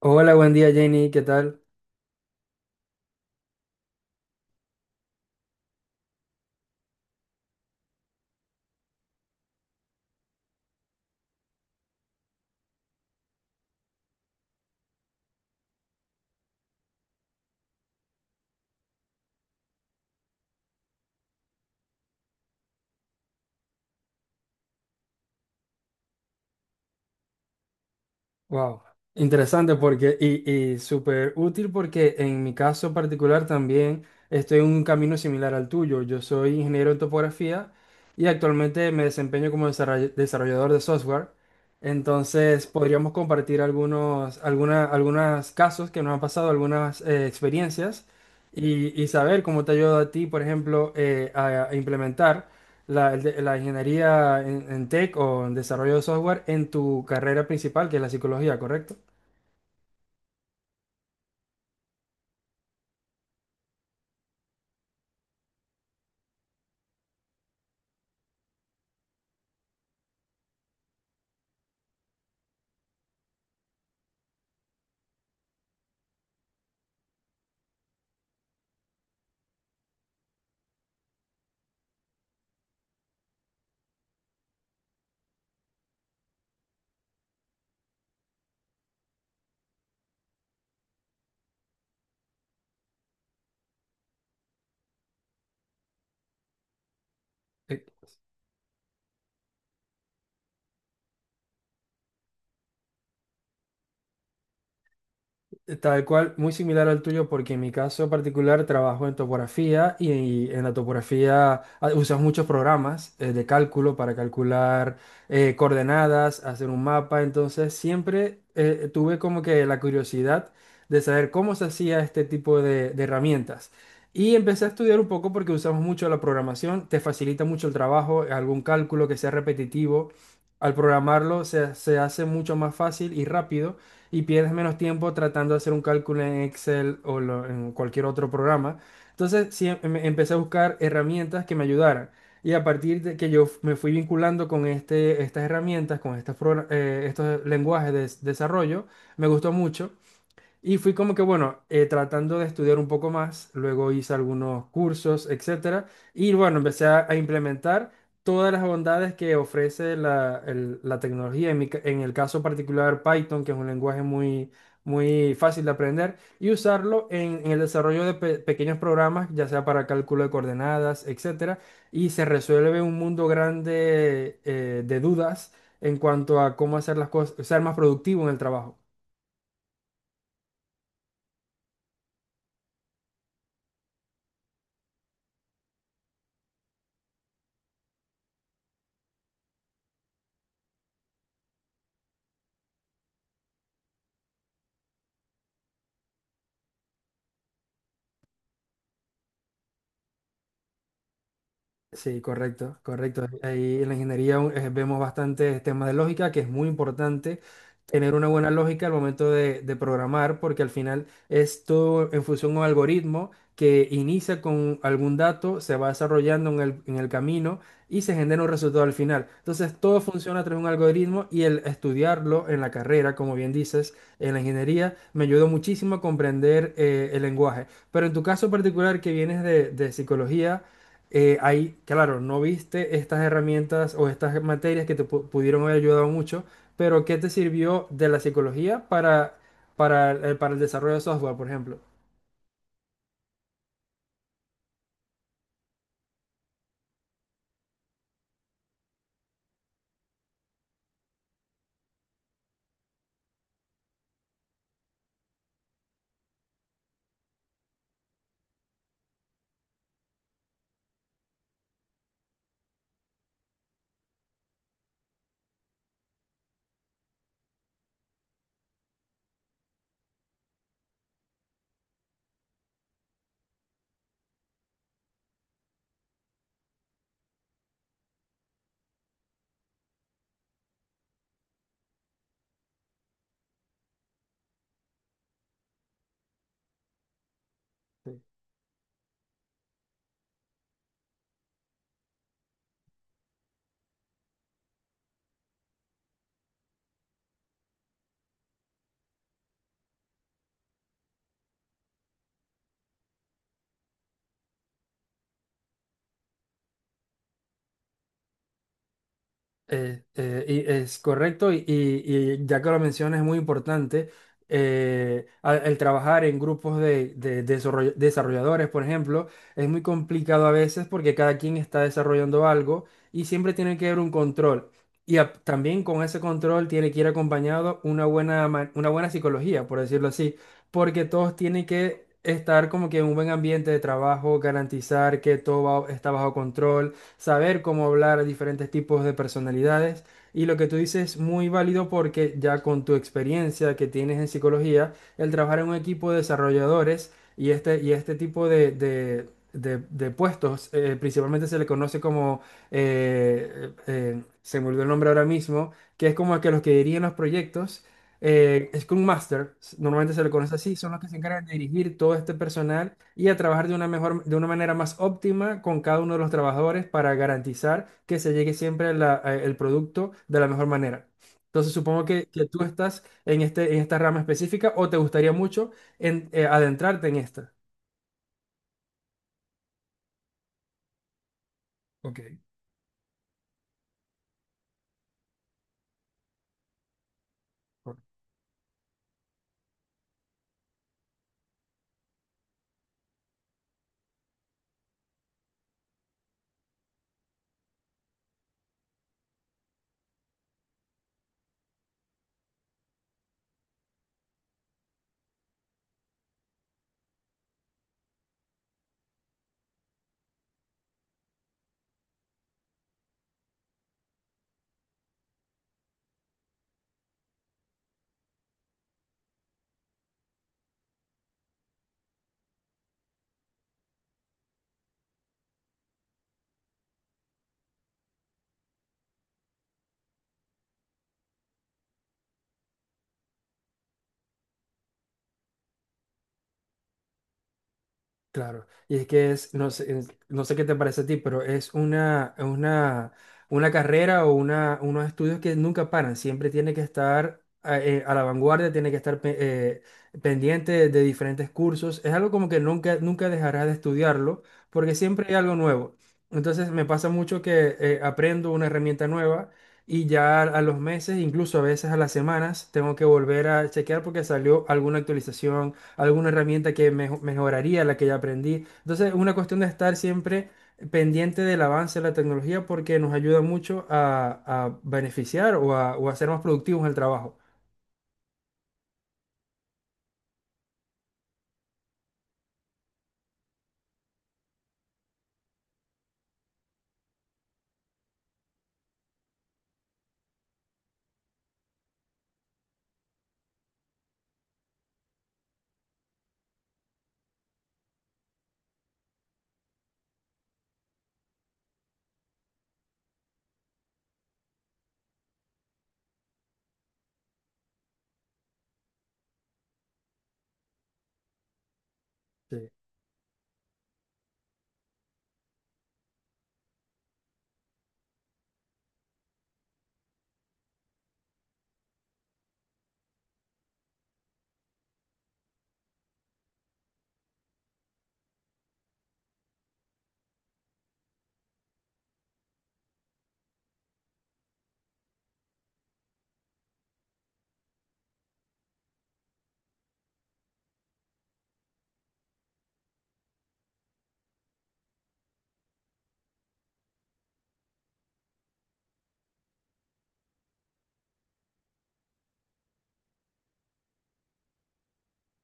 Hola, buen día Jenny, ¿qué tal? Wow, interesante porque y súper útil porque en mi caso particular también estoy en un camino similar al tuyo. Yo soy ingeniero en topografía y actualmente me desempeño como desarrollador de software. Entonces podríamos compartir algunos casos que nos han pasado, algunas experiencias y saber cómo te ayuda a ti, por ejemplo, a implementar la, la ingeniería en tech o en desarrollo de software en tu carrera principal, que es la psicología, ¿correcto? Tal cual, muy similar al tuyo, porque en mi caso particular trabajo en topografía y, en la topografía usas muchos programas de cálculo para calcular coordenadas, hacer un mapa. Entonces siempre tuve como que la curiosidad de saber cómo se hacía este tipo de herramientas. Y empecé a estudiar un poco porque usamos mucho la programación, te facilita mucho el trabajo. Algún cálculo que sea repetitivo, al programarlo se hace mucho más fácil y rápido, y pierdes menos tiempo tratando de hacer un cálculo en Excel o en cualquier otro programa. Entonces, sí, empecé a buscar herramientas que me ayudaran. Y a partir de que me fui vinculando con estas herramientas, con estos lenguajes de desarrollo, me gustó mucho. Y fui como que, bueno, tratando de estudiar un poco más, luego hice algunos cursos, etcétera, y bueno, empecé a implementar todas las bondades que ofrece la tecnología, en en el caso particular Python, que es un lenguaje muy fácil de aprender, y usarlo en el desarrollo de pequeños programas, ya sea para cálculo de coordenadas, etcétera, y se resuelve un mundo grande de dudas en cuanto a cómo hacer las cosas, ser más productivo en el trabajo. Sí, correcto, correcto. Ahí en la ingeniería vemos bastantes temas de lógica, que es muy importante tener una buena lógica al momento de programar, porque al final es todo en función a un algoritmo que inicia con algún dato, se va desarrollando en en el camino y se genera un resultado al final. Entonces, todo funciona a través de un algoritmo, y el estudiarlo en la carrera, como bien dices, en la ingeniería, me ayudó muchísimo a comprender el lenguaje. Pero en tu caso particular, que vienes de psicología, ahí, claro, no viste estas herramientas o estas materias que te pudieron haber ayudado mucho, pero ¿qué te sirvió de la psicología para, para el desarrollo de software, por ejemplo? Y es correcto, y ya que lo mencionas, es muy importante, el trabajar en grupos de desarrolladores, por ejemplo. Es muy complicado a veces porque cada quien está desarrollando algo y siempre tiene que haber un control. Y también con ese control tiene que ir acompañado una una buena psicología, por decirlo así, porque todos tienen que estar como que en un buen ambiente de trabajo, garantizar que todo está bajo control, saber cómo hablar a diferentes tipos de personalidades. Y lo que tú dices es muy válido porque ya con tu experiencia que tienes en psicología, el trabajar en un equipo de desarrolladores y y este tipo de, de puestos, principalmente se le conoce como, se me olvidó el nombre ahora mismo, que es como que los que dirigen los proyectos, Scrum Master, normalmente se le conoce así, son los que se encargan de dirigir todo este personal y a trabajar de una mejor, de una manera más óptima con cada uno de los trabajadores para garantizar que se llegue siempre el producto de la mejor manera. Entonces supongo que tú estás en en esta rama específica o te gustaría mucho adentrarte en esta. Ok. Claro, y es que es, no sé, no sé qué te parece a ti, pero es una carrera o unos estudios que nunca paran, siempre tiene que estar a la vanguardia, tiene que estar pendiente de diferentes cursos. Es algo como que nunca, nunca dejarás de estudiarlo, porque siempre hay algo nuevo. Entonces me pasa mucho que, aprendo una herramienta nueva y ya a los meses, incluso a veces a las semanas, tengo que volver a chequear porque salió alguna actualización, alguna herramienta que mejoraría la que ya aprendí. Entonces, es una cuestión de estar siempre pendiente del avance de la tecnología porque nos ayuda mucho a beneficiar o a ser más productivos en el trabajo. Sí.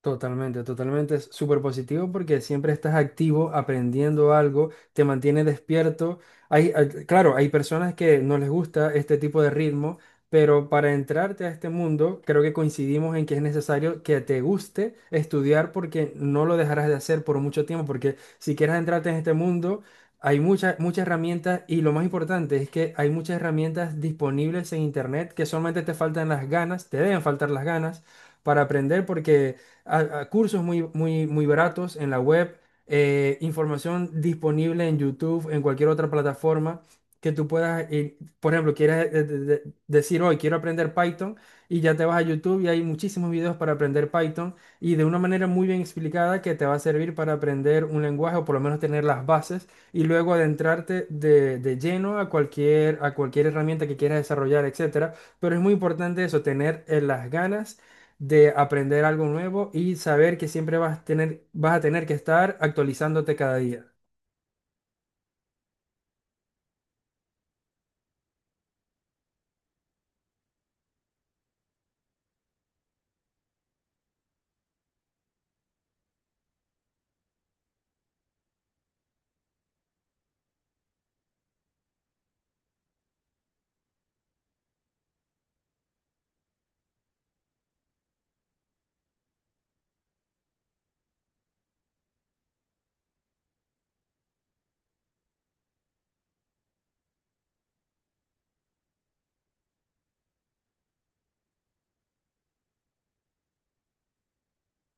Totalmente, totalmente. Es súper positivo porque siempre estás activo, aprendiendo algo, te mantiene despierto. Claro, hay personas que no les gusta este tipo de ritmo, pero para entrarte a este mundo, creo que coincidimos en que es necesario que te guste estudiar porque no lo dejarás de hacer por mucho tiempo, porque si quieres entrarte en este mundo, hay muchas, muchas herramientas, y lo más importante es que hay muchas herramientas disponibles en internet, que solamente te faltan las ganas, te deben faltar las ganas para aprender, porque a cursos muy, muy, muy baratos en la web, información disponible en YouTube, en cualquier otra plataforma que tú puedas ir. Por ejemplo, quieres, decir hoy quiero aprender Python, y ya te vas a YouTube y hay muchísimos videos para aprender Python, y de una manera muy bien explicada que te va a servir para aprender un lenguaje o por lo menos tener las bases, y luego adentrarte de lleno a cualquier herramienta que quieras desarrollar, etcétera. Pero es muy importante eso, tener, las ganas de aprender algo nuevo y saber que siempre vas a tener que estar actualizándote cada día.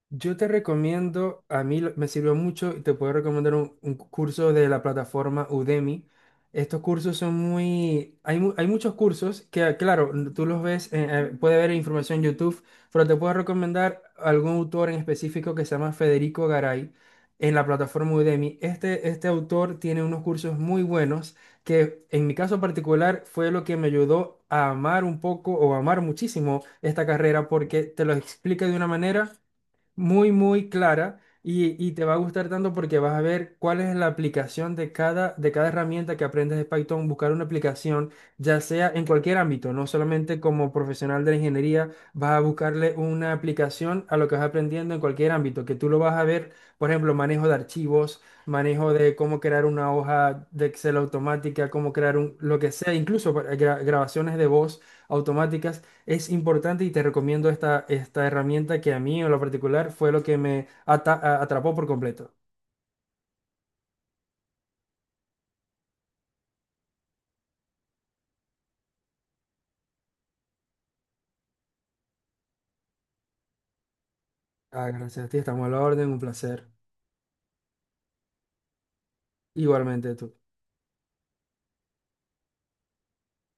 Yo te recomiendo, a mí me sirvió mucho y te puedo recomendar un curso de la plataforma Udemy. Estos cursos son muy... Hay muchos cursos que, claro, tú los ves, puede ver información en YouTube, pero te puedo recomendar algún autor en específico que se llama Federico Garay en la plataforma Udemy. Este autor tiene unos cursos muy buenos que en mi caso particular fue lo que me ayudó a amar un poco o amar muchísimo esta carrera, porque te lo explica de una manera muy, muy clara, y te va a gustar tanto porque vas a ver cuál es la aplicación de cada herramienta que aprendes de Python, buscar una aplicación, ya sea en cualquier ámbito, no solamente como profesional de la ingeniería. Vas a buscarle una aplicación a lo que vas aprendiendo en cualquier ámbito, que tú lo vas a ver, por ejemplo, manejo de archivos, manejo de cómo crear una hoja de Excel automática, cómo crear un, lo que sea, incluso para grabaciones de voz automáticas, es importante, y te recomiendo esta herramienta, que a mí en lo particular fue lo que me atrapó por completo. Ah, gracias a ti, estamos a la orden, un placer. Igualmente tú.